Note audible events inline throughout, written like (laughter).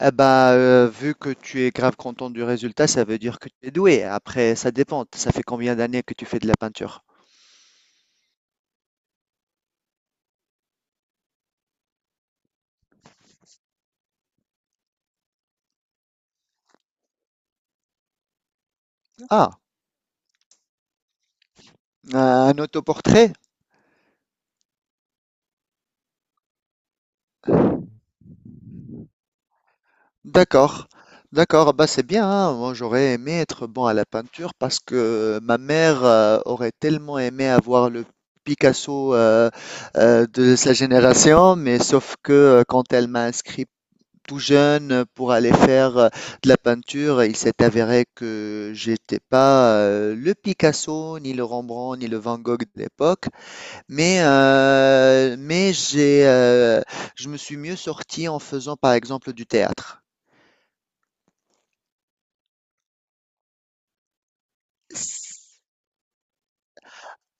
Vu que tu es grave content du résultat, ça veut dire que tu es doué. Après, ça dépend. Ça fait combien d'années que tu fais de la peinture? Ah, un autoportrait? D'accord, d'accord. Bah, c'est bien, hein. Moi, j'aurais aimé être bon à la peinture parce que ma mère, aurait tellement aimé avoir le Picasso, de sa génération, mais sauf que quand elle m'a inscrit tout jeune pour aller faire de la peinture. Il s'est avéré que j'étais pas le Picasso, ni le Rembrandt, ni le Van Gogh de l'époque, mais j'ai je me suis mieux sorti en faisant par exemple du théâtre.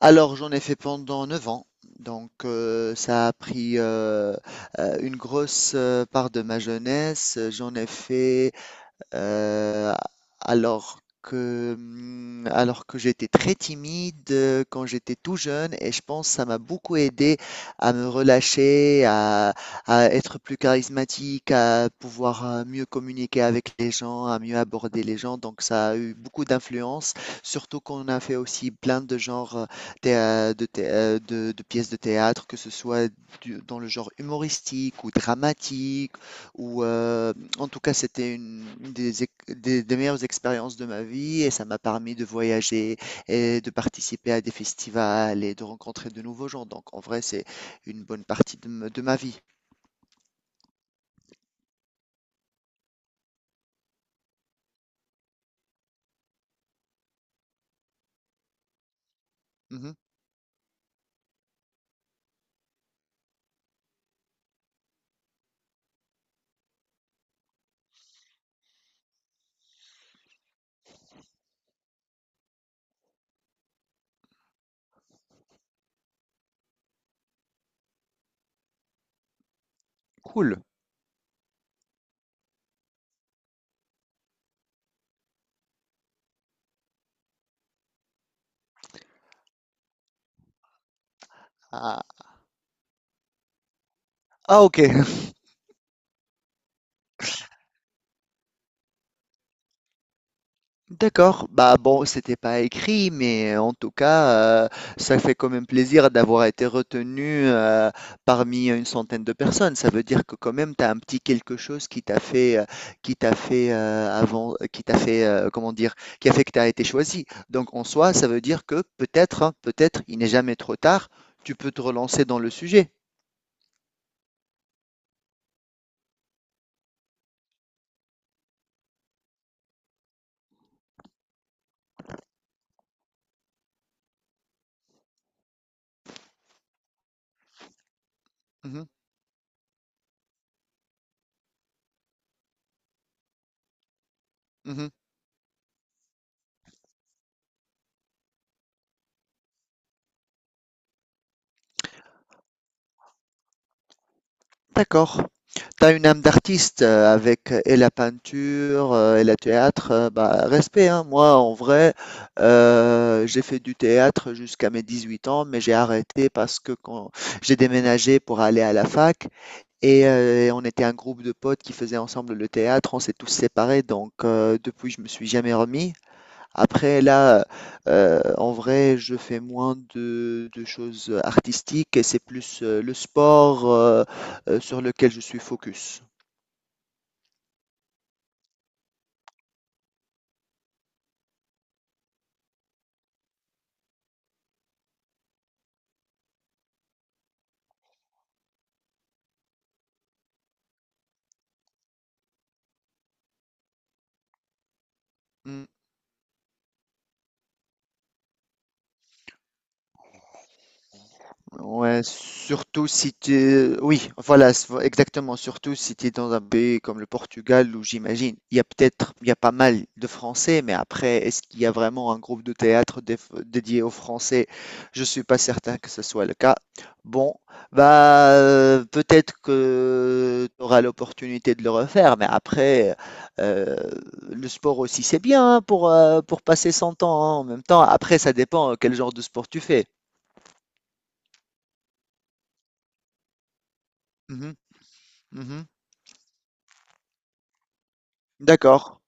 Alors j'en ai fait pendant 9 ans. Donc ça a pris une grosse part de ma jeunesse. J'en ai fait Euh, alors que j'étais très timide quand j'étais tout jeune et je pense que ça m'a beaucoup aidé à me relâcher, à être plus charismatique, à pouvoir mieux communiquer avec les gens, à mieux aborder les gens. Donc ça a eu beaucoup d'influence, surtout qu'on a fait aussi plein de genres thé- de, thé- de pièces de théâtre, que ce soit dans le genre humoristique ou dramatique où, en tout cas, c'était une des meilleures expériences de ma vie et ça m'a permis de voyager et de participer à des festivals et de rencontrer de nouveaux gens. Donc, en vrai, c'est une bonne partie de ma vie. Mhm. Cool. Ah, ah, ok. (laughs) D'accord, bah bon, c'était pas écrit, mais en tout cas, euh, ça fait quand même plaisir d'avoir été retenu parmi une centaine de personnes. Ça veut dire que quand même, tu as un petit quelque chose qui t'a fait avant, qui t'a fait, comment dire, qui a fait que tu as été choisi. Donc en soi, ça veut dire que peut-être, hein, peut-être, il n'est jamais trop tard, tu peux te relancer dans le sujet. Mhm, mhm. D'accord. Tu as une âme d'artiste avec et la peinture et le théâtre. Bah, respect, hein. Moi, en vrai, j'ai fait du théâtre jusqu'à mes 18 ans, mais j'ai arrêté parce que quand j'ai déménagé pour aller à la fac et et on était un groupe de potes qui faisaient ensemble le théâtre, on s'est tous séparés, donc depuis, je me suis jamais remis. Après là, en vrai, je fais moins de choses artistiques et c'est plus, le sport, sur lequel je suis focus. Mmh. Ouais, surtout si tu... es- Oui, voilà, s- exactement. Surtout si tu es dans un pays comme le Portugal, où j'imagine, il y a peut-être, il y a pas mal de Français, mais après, est-ce qu'il y a vraiment un groupe de théâtre déf- dédié aux Français? Je suis pas certain que ce soit le cas. Bon, bah, peut-être que tu auras l'opportunité de le refaire, mais après, euh, le sport aussi, c'est bien hein, pour passer son temps, hein, en même temps. Après, ça dépend quel genre de sport tu fais. Mhm, mhm. D'accord.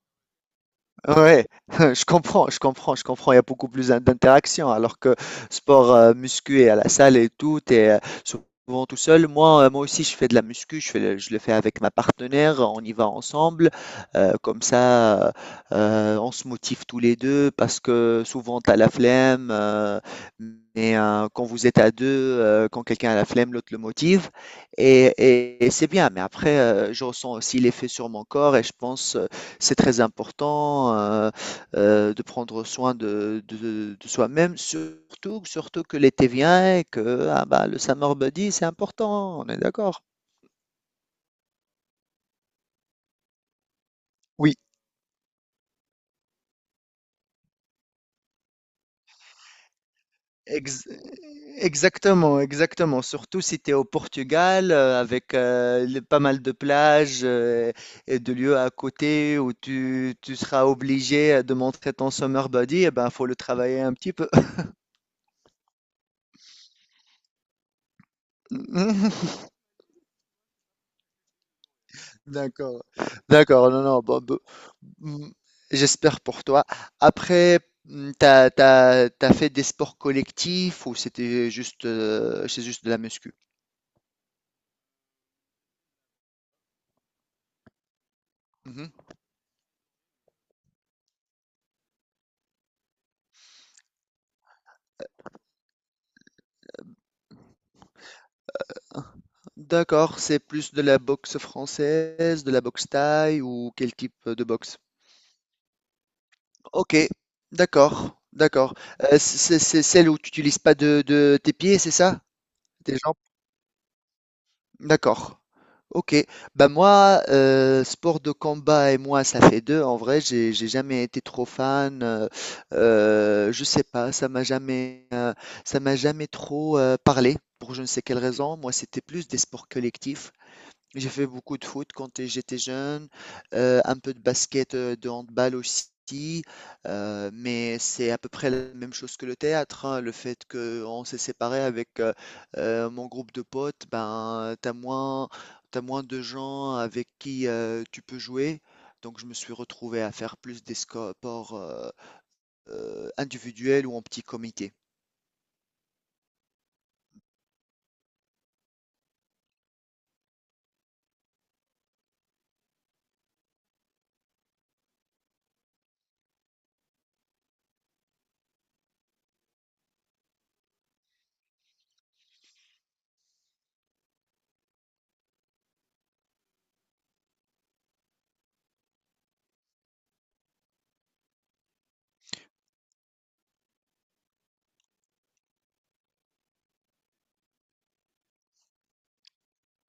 Ouais, (laughs) je comprends, je comprends, je comprends. Il y a beaucoup plus d'interactions. Alors que sport muscu et à la salle et tout, t'es souvent tout seul. Moi, moi aussi, je fais de la muscu. Je fais je le fais avec ma partenaire. On y va ensemble. Comme ça, on se motive tous les deux parce que souvent, t'as la flemme. Quand vous êtes à deux, quand quelqu'un a la flemme, l'autre le motive. Et c'est bien. Mais après, je ressens aussi l'effet sur mon corps et je pense. C'est très important de prendre soin de soi-même, surtout, surtout que l'été vient et que ah bah, le summer body, c'est important, on est d'accord. Oui, ex- exactement, exactement. Surtout si tu es au Portugal, avec pas mal de plages et de lieux à côté où tu seras obligé de montrer ton summer body, eh ben, faut le travailler un petit peu. (laughs) D'accord, d'accord, non, non, bon, mm, j'espère pour toi. Après, t'as fait des sports collectifs ou c'était juste, c'est juste de la muscu? Mhm. D'accord, c'est plus de la boxe française, de la boxe thaï ou quel type de boxe? Ok, d'accord, d'accord. C'est c'est celle où tu n'utilises pas de tes pieds, c'est ça? Tes jambes? D'accord. OK. Bah moi, sport de combat et moi, ça fait 2. En vrai, j'ai jamais été trop fan, je sais pas, ça m'a jamais trop, parlé pour je ne sais quelle raison. Moi, c'était plus des sports collectifs. J'ai fait beaucoup de foot quand j'étais jeune, un peu de basket, de handball aussi, mais c'est à peu près la même chose que le théâtre, hein. Le fait qu'on s'est séparés avec, mon groupe de potes, ben, t'as moins de gens avec qui, tu peux jouer. Donc je me suis retrouvé à faire plus des sco ports, individuels ou en petit comité.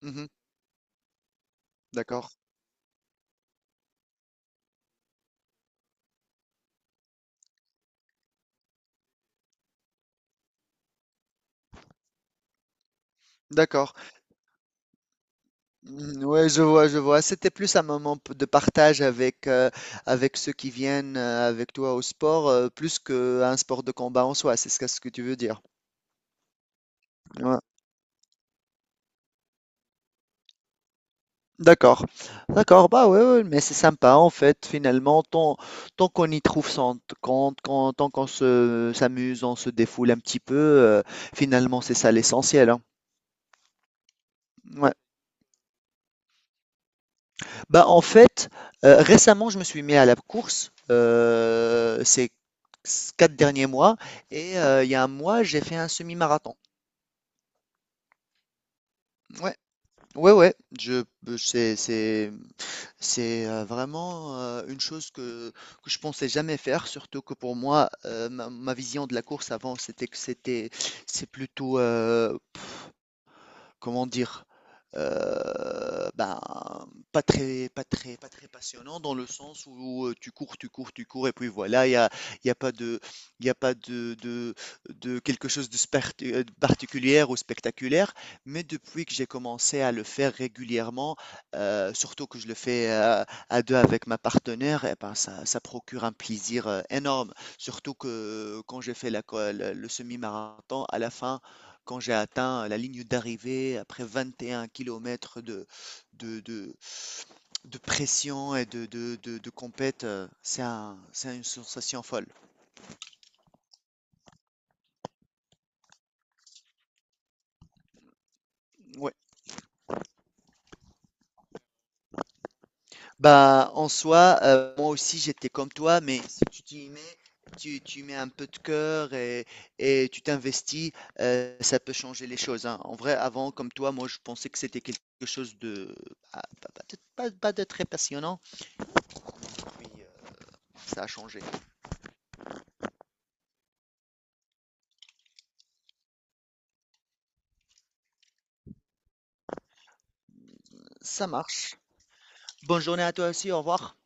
Mmh. D'accord. D'accord. Mhm, ouais, je vois, je vois. C'était plus un moment de partage avec, avec ceux qui viennent avec toi au sport, plus qu'un sport de combat en soi, c'est ce que tu veux dire. Ouais. D'accord, d'accord, bah ouais, ouais, mais c'est sympa en fait, finalement, tant, tant qu'on y trouve son compte, quand, tant qu'on se s'amuse, on se défoule un petit peu, finalement c'est ça l'essentiel, hein. Ouais. Bah, en fait, récemment, je me suis mis à la course, ces 4 derniers mois et il y a un mois, j'ai fait un semi-marathon. Ouais, ouais, ouais, je c'est c'est c'est, vraiment, une chose que je pensais jamais faire, surtout que pour moi, ma vision de la course avant, c'était que c'est plutôt, comment dire, euh, ben, pas très, pas très, pas très passionnant dans le sens où tu cours, tu cours, tu cours, et puis voilà, il y a pas de, il y a pas de, de quelque chose de particulier ou spectaculaire. Mais depuis que j'ai commencé à le faire régulièrement, surtout que je le fais à deux avec ma partenaire, et ben, ça procure un plaisir énorme. Surtout que quand j'ai fait le semi-marathon, à la fin, quand j'ai atteint la ligne d'arrivée après 21 kilomètres de de de pression et de compète, c'est un c'est une sensation folle. Ouais. Bah, en soi, moi aussi j'étais comme toi, mais si tu t'y mets, tu mets un peu de cœur et tu t'investis, ça peut changer les choses, hein. En vrai, avant, comme toi, moi je pensais que c'était quelque chose de ah, pas pas de pas pas de très passionnant, puis, ça a changé. Ça marche. Bonne journée à toi aussi, au revoir.